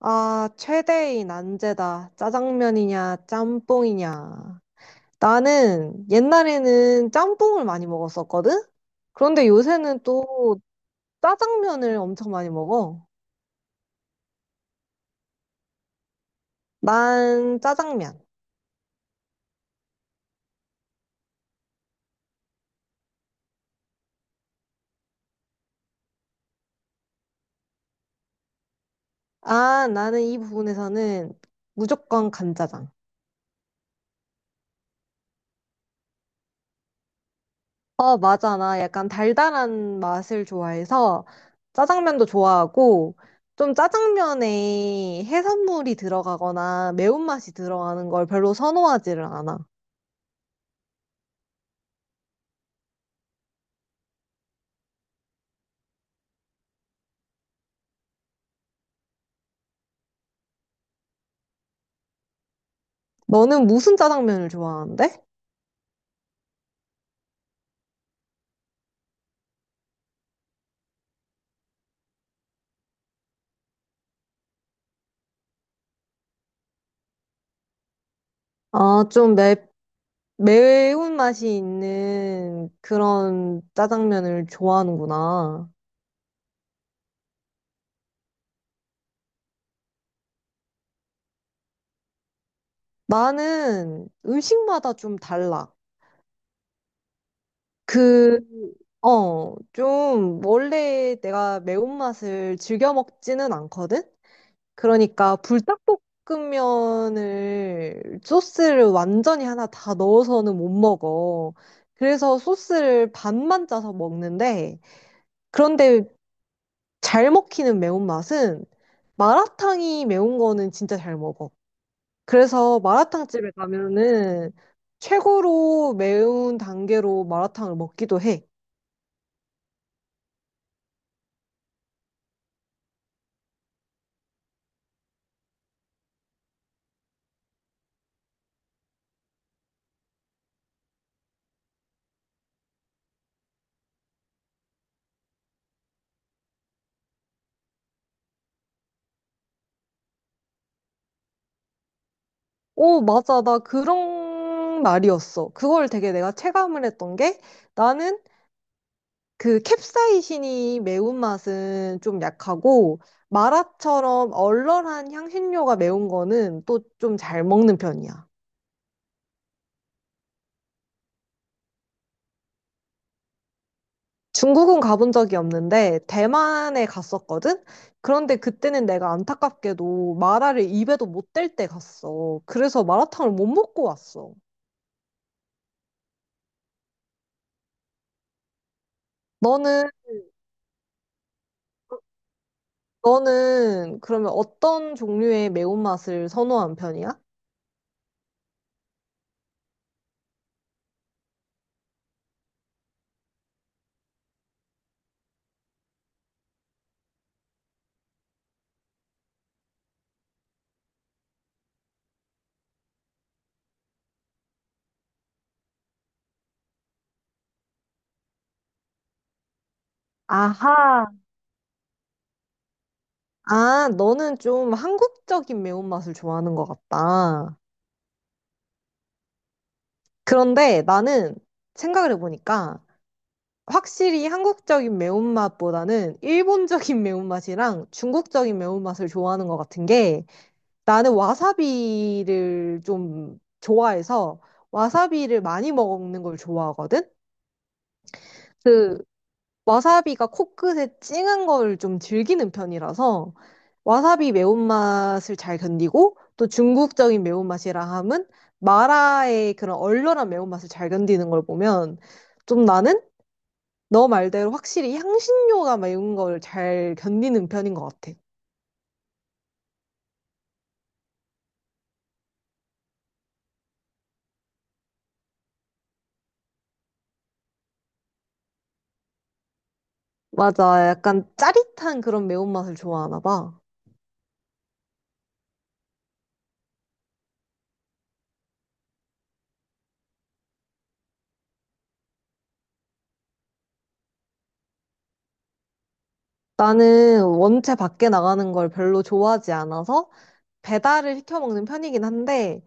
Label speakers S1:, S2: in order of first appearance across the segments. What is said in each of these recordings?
S1: 아, 최대의 난제다. 짜장면이냐, 짬뽕이냐. 나는 옛날에는 짬뽕을 많이 먹었었거든? 그런데 요새는 또 짜장면을 엄청 많이 먹어. 난 짜장면. 아, 나는 이 부분에서는 무조건 간짜장. 어, 맞아. 나 약간 달달한 맛을 좋아해서 짜장면도 좋아하고, 좀 짜장면에 해산물이 들어가거나 매운맛이 들어가는 걸 별로 선호하지를 않아. 너는 무슨 짜장면을 좋아하는데? 아, 좀 매운맛이 있는 그런 짜장면을 좋아하는구나. 나는 음식마다 좀 달라. 그, 좀 원래 내가 매운맛을 즐겨 먹지는 않거든? 그러니까 불닭볶음면을 소스를 완전히 하나 다 넣어서는 못 먹어. 그래서 소스를 반만 짜서 먹는데, 그런데 잘 먹히는 매운맛은 마라탕이 매운 거는 진짜 잘 먹어. 그래서 마라탕집에 가면은 최고로 매운 단계로 마라탕을 먹기도 해. 오, 맞아. 나 그런 말이었어. 그걸 되게 내가 체감을 했던 게 나는 그 캡사이신이 매운맛은 좀 약하고 마라처럼 얼얼한 향신료가 매운 거는 또 좀 잘 먹는 편이야. 중국은 가본 적이 없는데 대만에 갔었거든? 그런데 그때는 내가 안타깝게도 마라를 입에도 못 댈 때 갔어. 그래서 마라탕을 못 먹고 왔어. 너는, 너는 그러면 어떤 종류의 매운맛을 선호한 편이야? 아하. 아, 너는 좀 한국적인 매운맛을 좋아하는 것 같다. 그런데 나는 생각을 해보니까 확실히 한국적인 매운맛보다는 일본적인 매운맛이랑 중국적인 매운맛을 좋아하는 것 같은 게 나는 와사비를 좀 좋아해서 와사비를 많이 먹는 걸 좋아하거든? 그 와사비가 코끝에 찡한 걸 좀 즐기는 편이라서 와사비 매운맛을 잘 견디고 또 중국적인 매운맛이라 함은 마라의 그런 얼얼한 매운맛을 잘 견디는 걸 보면 좀 나는 너 말대로 확실히 향신료가 매운 걸 잘 견디는 편인 것 같아. 맞아. 약간 짜릿한 그런 매운맛을 좋아하나 봐. 나는 원체 밖에 나가는 걸 별로 좋아하지 않아서 배달을 시켜 먹는 편이긴 한데,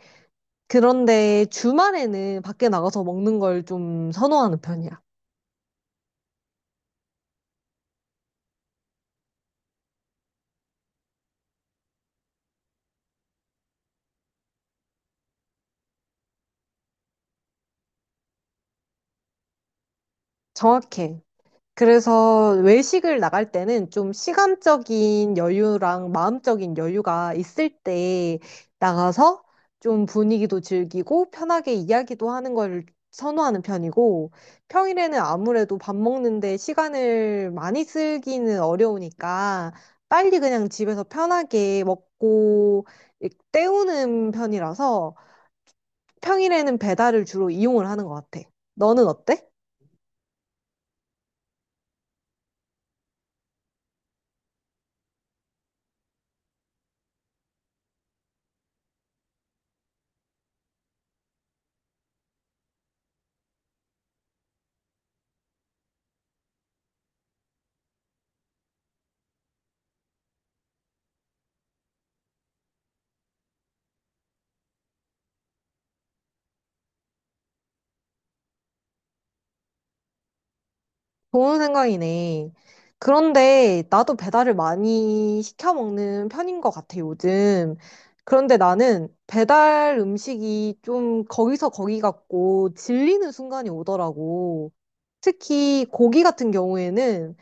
S1: 그런데 주말에는 밖에 나가서 먹는 걸 좀 선호하는 편이야. 정확해. 그래서 외식을 나갈 때는 좀 시간적인 여유랑 마음적인 여유가 있을 때 나가서 좀 분위기도 즐기고 편하게 이야기도 하는 걸 선호하는 편이고 평일에는 아무래도 밥 먹는데 시간을 많이 쓰기는 어려우니까 빨리 그냥 집에서 편하게 먹고 때우는 편이라서 평일에는 배달을 주로 이용을 하는 것 같아. 너는 어때? 좋은 생각이네. 그런데 나도 배달을 많이 시켜 먹는 편인 것 같아, 요즘. 그런데 나는 배달 음식이 좀 거기서 거기 같고 질리는 순간이 오더라고. 특히 고기 같은 경우에는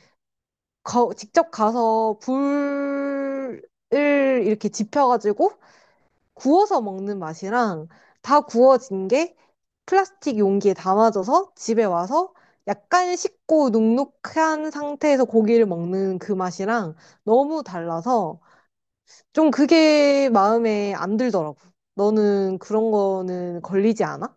S1: 직접 가서 불을 이렇게 지펴가지고 구워서 먹는 맛이랑 다 구워진 게 플라스틱 용기에 담아져서 집에 와서 약간 식고 눅눅한 상태에서 고기를 먹는 그 맛이랑 너무 달라서 좀 그게 마음에 안 들더라고. 너는 그런 거는 걸리지 않아?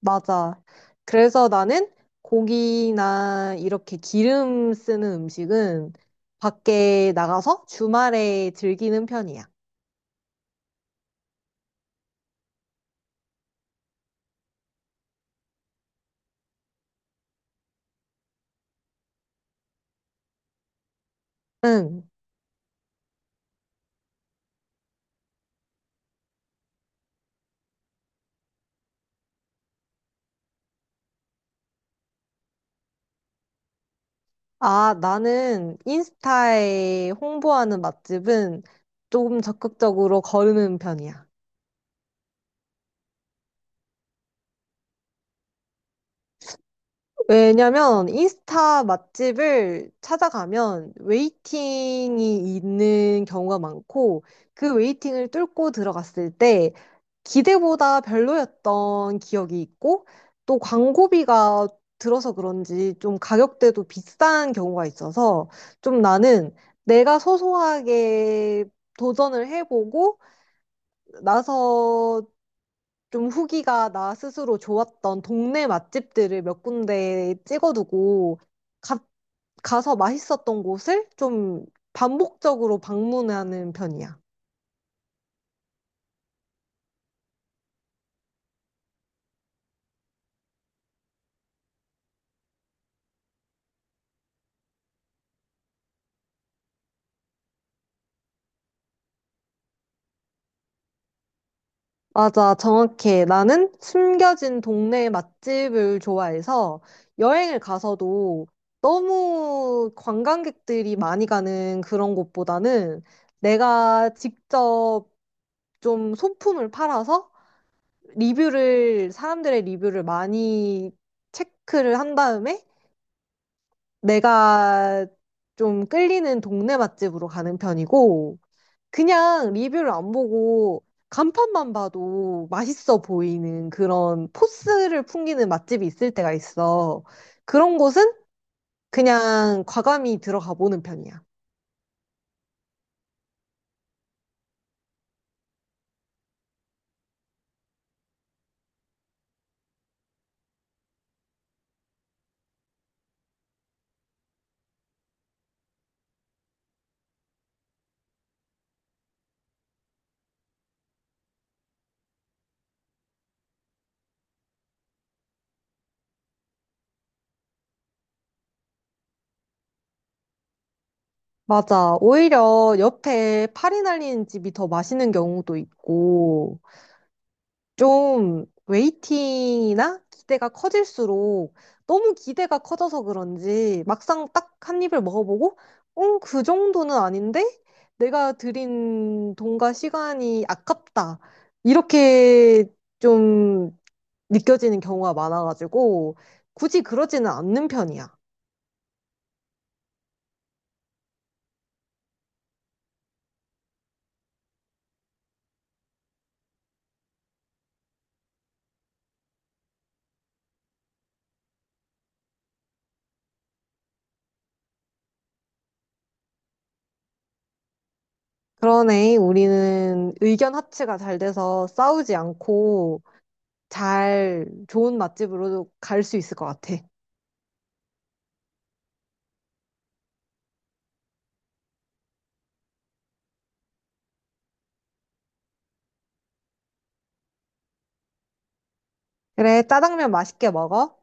S1: 맞아. 그래서 나는 고기나 이렇게 기름 쓰는 음식은 밖에 나가서 주말에 즐기는 편이야. 응. 아, 나는 인스타에 홍보하는 맛집은 조금 적극적으로 거르는 편이야. 왜냐면 인스타 맛집을 찾아가면 웨이팅이 있는 경우가 많고 그 웨이팅을 뚫고 들어갔을 때 기대보다 별로였던 기억이 있고 또 광고비가 들어서 그런지 좀 가격대도 비싼 경우가 있어서 좀 나는 내가 소소하게 도전을 해보고 나서 좀 후기가 나 스스로 좋았던 동네 맛집들을 몇 군데 찍어두고 가, 가서 맛있었던 곳을 좀 반복적으로 방문하는 편이야. 맞아, 정확해. 나는 숨겨진 동네 맛집을 좋아해서 여행을 가서도 너무 관광객들이 많이 가는 그런 곳보다는 내가 직접 좀 소품을 팔아서 사람들의 리뷰를 많이 체크를 한 다음에 내가 좀 끌리는 동네 맛집으로 가는 편이고, 그냥 리뷰를 안 보고 간판만 봐도 맛있어 보이는 그런 포스를 풍기는 맛집이 있을 때가 있어. 그런 곳은 그냥 과감히 들어가 보는 편이야. 맞아. 오히려 옆에 파리 날리는 집이 더 맛있는 경우도 있고, 좀 웨이팅이나 기대가 커질수록 너무 기대가 커져서 그런지 막상 딱 한 입을 먹어보고, 응, 그 정도는 아닌데? 내가 들인 돈과 시간이 아깝다. 이렇게 좀 느껴지는 경우가 많아가지고, 굳이 그러지는 않는 편이야. 그러네, 우리는 의견 합치가 잘 돼서 싸우지 않고 잘 좋은 맛집으로 갈 수 있을 것 같아. 그래, 짜장면 맛있게 먹어.